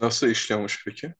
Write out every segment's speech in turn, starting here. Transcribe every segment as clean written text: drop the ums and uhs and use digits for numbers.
Nasıl işliyormuş peki?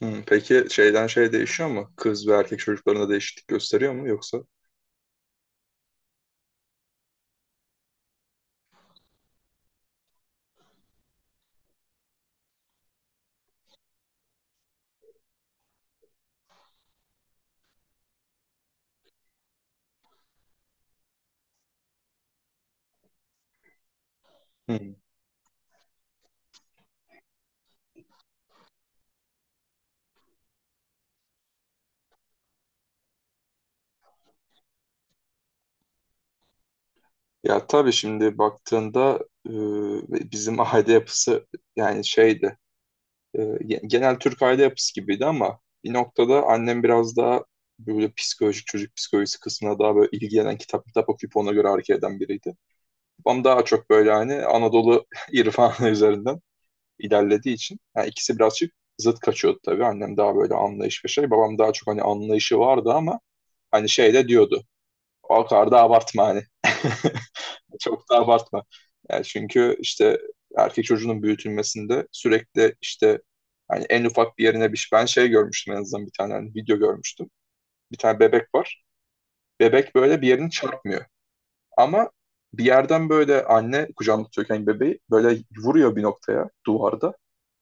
Hmm, peki şeyden şey değişiyor mu? Kız ve erkek çocuklarında değişiklik gösteriyor mu yoksa? Hmm. Ya tabii şimdi baktığında e, bizim aile yapısı yani şeydi. e, Genel Türk aile yapısı gibiydi ama bir noktada annem biraz daha böyle psikolojik çocuk psikolojisi kısmına daha böyle ilgilenen kitap okuyup ona göre hareket eden biriydi. Babam daha çok böyle hani Anadolu irfanı üzerinden ilerlediği için yani ikisi birazcık zıt kaçıyordu tabii. Annem daha böyle anlayış ve şey. Babam daha çok hani anlayışı vardı ama hani şey de diyordu. O kadar da abartma hani. Çok da abartma. Yani çünkü işte erkek çocuğunun büyütülmesinde sürekli işte hani en ufak bir yerine bir şey. Ben şey görmüştüm en azından bir tane hani video görmüştüm. Bir tane bebek var. Bebek böyle bir yerini çarpmıyor. Ama bir yerden böyle anne kucağında tutuyorken bebeği böyle vuruyor bir noktaya duvarda.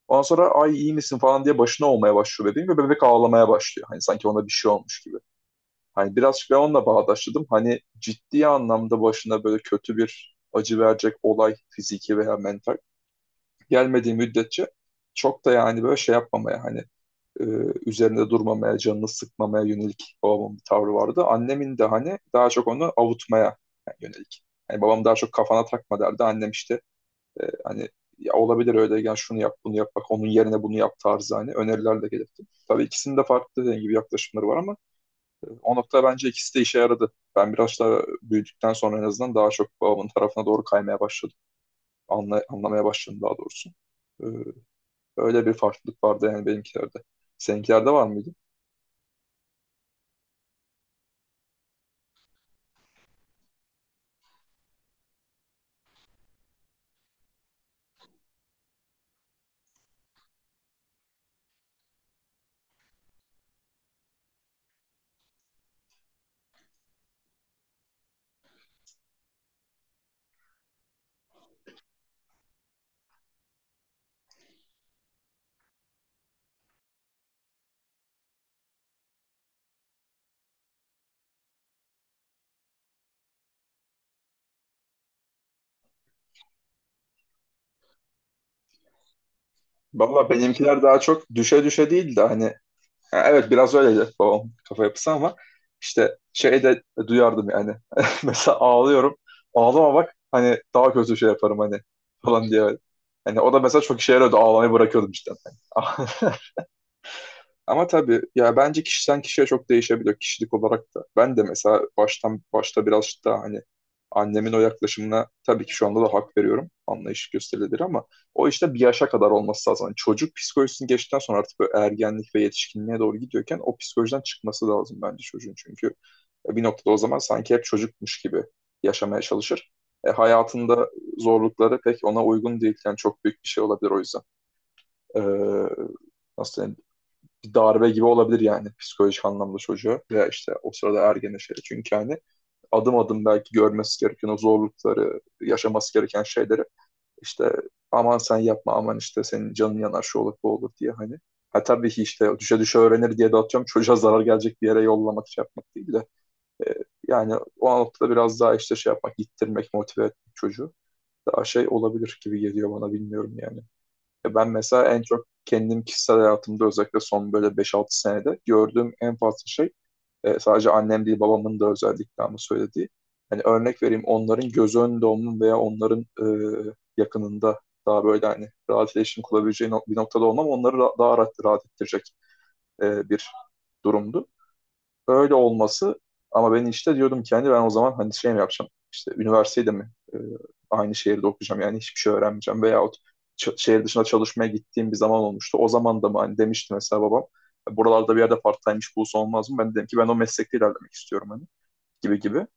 Ondan sonra ay iyi misin falan diye başına olmaya başlıyor bebeğin ve bebek ağlamaya başlıyor. Hani sanki ona bir şey olmuş gibi. Hani birazcık ben onunla bağdaşladım. Hani ciddi anlamda başına böyle kötü bir acı verecek olay fiziki veya mental gelmediği müddetçe çok da yani böyle şey yapmamaya hani e, üzerinde durmamaya, canını sıkmamaya yönelik babamın bir tavrı vardı. Annemin de hani daha çok onu avutmaya yönelik. Yani babam daha çok kafana takma derdi. Annem işte hani ya olabilir öyle gel şunu yap bunu yap bak onun yerine bunu yap tarzı hani öneriler de gelirdi. Tabii ikisinin de farklı dediğim gibi yaklaşımları var ama o nokta bence ikisi de işe yaradı. Ben biraz daha büyüdükten sonra en azından daha çok babamın tarafına doğru kaymaya başladım. Anlamaya başladım daha doğrusu. E, Öyle bir farklılık vardı yani benimkilerde. Seninkilerde var mıydı? Valla benimkiler daha çok düşe düşe değil de hani ha, evet biraz öyleydi babam kafa yapısı ama işte şey de duyardım yani. Mesela ağlıyorum. Ağlama bak hani daha kötü şey yaparım hani falan diye. Hani o da mesela çok işe yarıyordu. Ağlamayı bırakıyordum işte. Ama tabii ya bence kişiden kişiye çok değişebiliyor kişilik olarak da. Ben de mesela baştan başta biraz daha hani annemin o yaklaşımına tabii ki şu anda da hak veriyorum. Anlayış gösterilir ama o işte bir yaşa kadar olması lazım. Hani çocuk psikolojisini geçtikten sonra artık böyle ergenlik ve yetişkinliğe doğru gidiyorken o psikolojiden çıkması lazım bence çocuğun. Çünkü bir noktada o zaman sanki hep çocukmuş gibi yaşamaya çalışır. Hayatında zorlukları pek ona uygun değil. Yani çok büyük bir şey olabilir o yüzden. Ee, Nasıl diyeyim? Bir darbe gibi olabilir yani psikolojik anlamda çocuğu veya işte o sırada ergene şey. Çünkü hani adım adım belki görmesi gereken o zorlukları, yaşaması gereken şeyleri işte aman sen yapma aman işte senin canın yanar şu olur bu olur diye hani. Ha tabii ki işte düşe düşe öğrenir diye de atıyorum çocuğa zarar gelecek bir yere yollamak şey yapmak değil de e, yani o noktada biraz daha işte şey yapmak, ittirmek, motive etmek çocuğu daha şey olabilir gibi geliyor bana bilmiyorum yani. Ya ben mesela en çok kendim kişisel hayatımda özellikle son böyle 5-6 senede gördüğüm en fazla şey sadece annem değil babamın da özellikle ama söylediği. Hani örnek vereyim onların göz önünde olmanın veya onların yakınında daha böyle hani rahat iletişim kurabileceği bir noktada olmam onları daha rahat ettirecek bir durumdu öyle olması ama ben işte diyordum ki hani ben o zaman hani şey mi yapacağım işte üniversitede mi aynı şehirde okuyacağım yani hiçbir şey öğrenmeyeceğim veyahut şehir dışına çalışmaya gittiğim bir zaman olmuştu. O zaman da mı hani demişti mesela babam buralarda bir yerde part-time iş bulsa olmaz mı? Ben de dedim ki ben o meslekte ilerlemek istiyorum hani gibi gibi.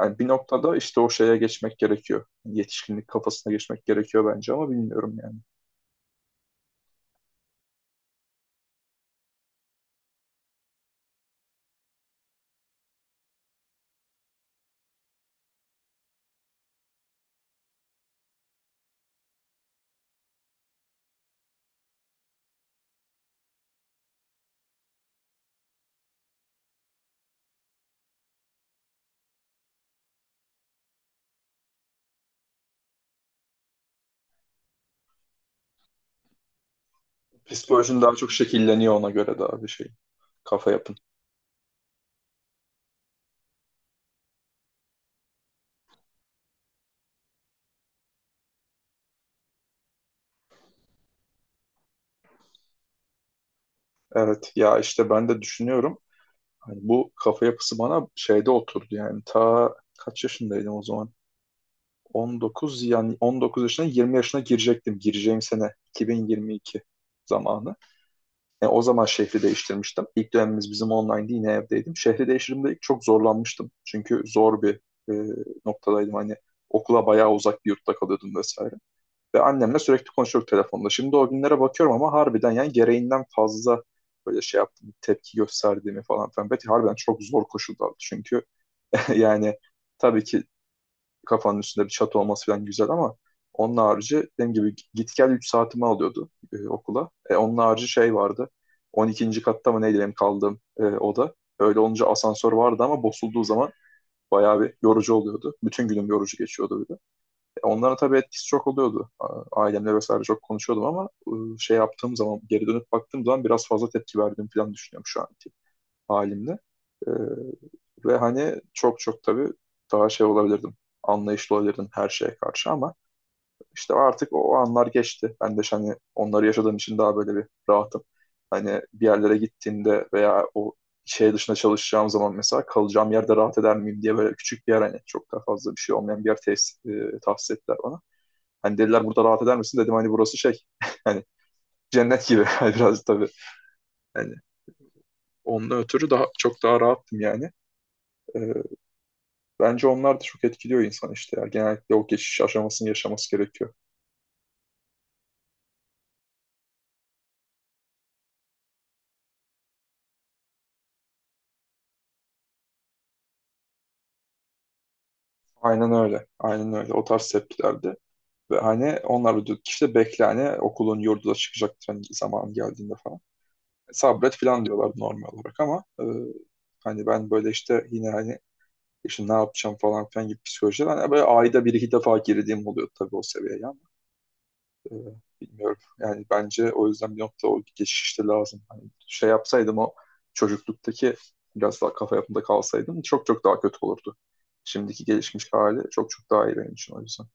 Yani bir noktada işte o şeye geçmek gerekiyor. Hani yetişkinlik kafasına geçmek gerekiyor bence ama bilmiyorum yani. Psikolojin daha çok şekilleniyor ona göre daha bir şey. Kafa yapın. Evet ya işte ben de düşünüyorum. Hani bu kafa yapısı bana şeyde oturdu yani ta kaç yaşındaydım o zaman? 19 yani 19 yaşına 20 yaşına girecektim. Gireceğim sene 2022 zamanı. Yani o zaman şehri değiştirmiştim. İlk dönemimiz bizim online'di yine evdeydim. Şehri değiştirdiğimde ilk çok zorlanmıştım. Çünkü zor bir e, noktadaydım. Hani okula bayağı uzak bir yurtta kalıyordum vesaire. Ve annemle sürekli konuşuyorduk telefonda. Şimdi o günlere bakıyorum ama harbiden yani gereğinden fazla böyle şey yaptım, tepki gösterdiğimi falan filan. Belki harbiden çok zor koşullardı çünkü yani tabii ki kafanın üstünde bir çatı olması falan güzel ama onun harici dediğim gibi git gel 3 saatimi alıyordu okula. E, onun harici şey vardı. 12. katta mı neydi benim kaldığım oda. Öyle olunca asansör vardı ama bozulduğu zaman bayağı bir yorucu oluyordu. Bütün günüm yorucu geçiyordu bir de. Onlara tabii etkisi çok oluyordu. Ailemle vesaire çok konuşuyordum ama şey yaptığım zaman, geri dönüp baktığım zaman biraz fazla tepki verdiğim falan düşünüyorum şu anki halimle. E, Ve hani çok çok tabii daha şey olabilirdim. Anlayışlı olabilirdim her şeye karşı ama işte artık o anlar geçti. Ben de işte hani onları yaşadığım için daha böyle bir rahatım. Hani bir yerlere gittiğimde veya o şey dışında çalışacağım zaman mesela kalacağım yerde rahat eder miyim diye böyle küçük bir yer hani çok daha fazla bir şey olmayan bir yer tahsis ettiler bana. Hani dediler burada rahat eder misin? Dedim hani burası şey hani cennet gibi biraz tabii. Yani onun ötürü daha çok daha rahattım yani. Ee, Bence onlar da çok etkiliyor insan işte ya. Genellikle o geçiş aşamasını yaşaması gerekiyor. Aynen öyle. Aynen öyle. O tarz tepkilerde. Ve hani onlar da işte bekle hani okulun yurdu da çıkacaktır hani zaman geldiğinde falan. Sabret falan diyorlar normal olarak ama hani ben böyle işte yine hani işte ne yapacağım falan filan gibi psikolojiler. Hani böyle ayda bir iki defa girdiğim oluyor tabii o seviyeye. Ee, Bilmiyorum. Yani bence o yüzden bir nokta o geçişte lazım. Hani şey yapsaydım o çocukluktaki biraz daha kafa yapımda kalsaydım çok çok daha kötü olurdu. Şimdiki gelişmiş hali çok çok daha iyi benim için o yüzden.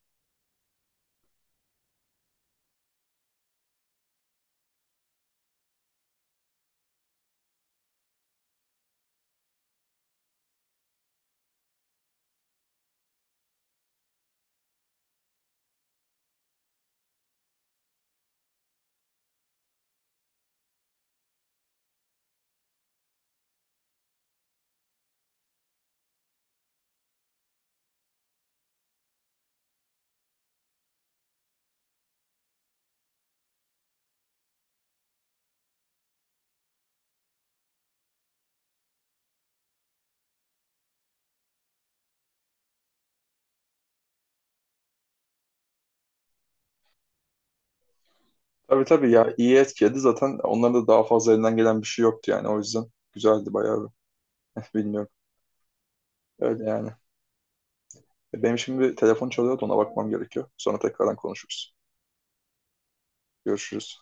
Tabii tabii ya iyi etkiledi zaten onların da daha fazla elinden gelen bir şey yoktu yani o yüzden güzeldi bayağı bir. Bilmiyorum. Öyle yani. Benim şimdi bir telefon çalıyordu ona bakmam gerekiyor. Sonra tekrardan konuşuruz. Görüşürüz.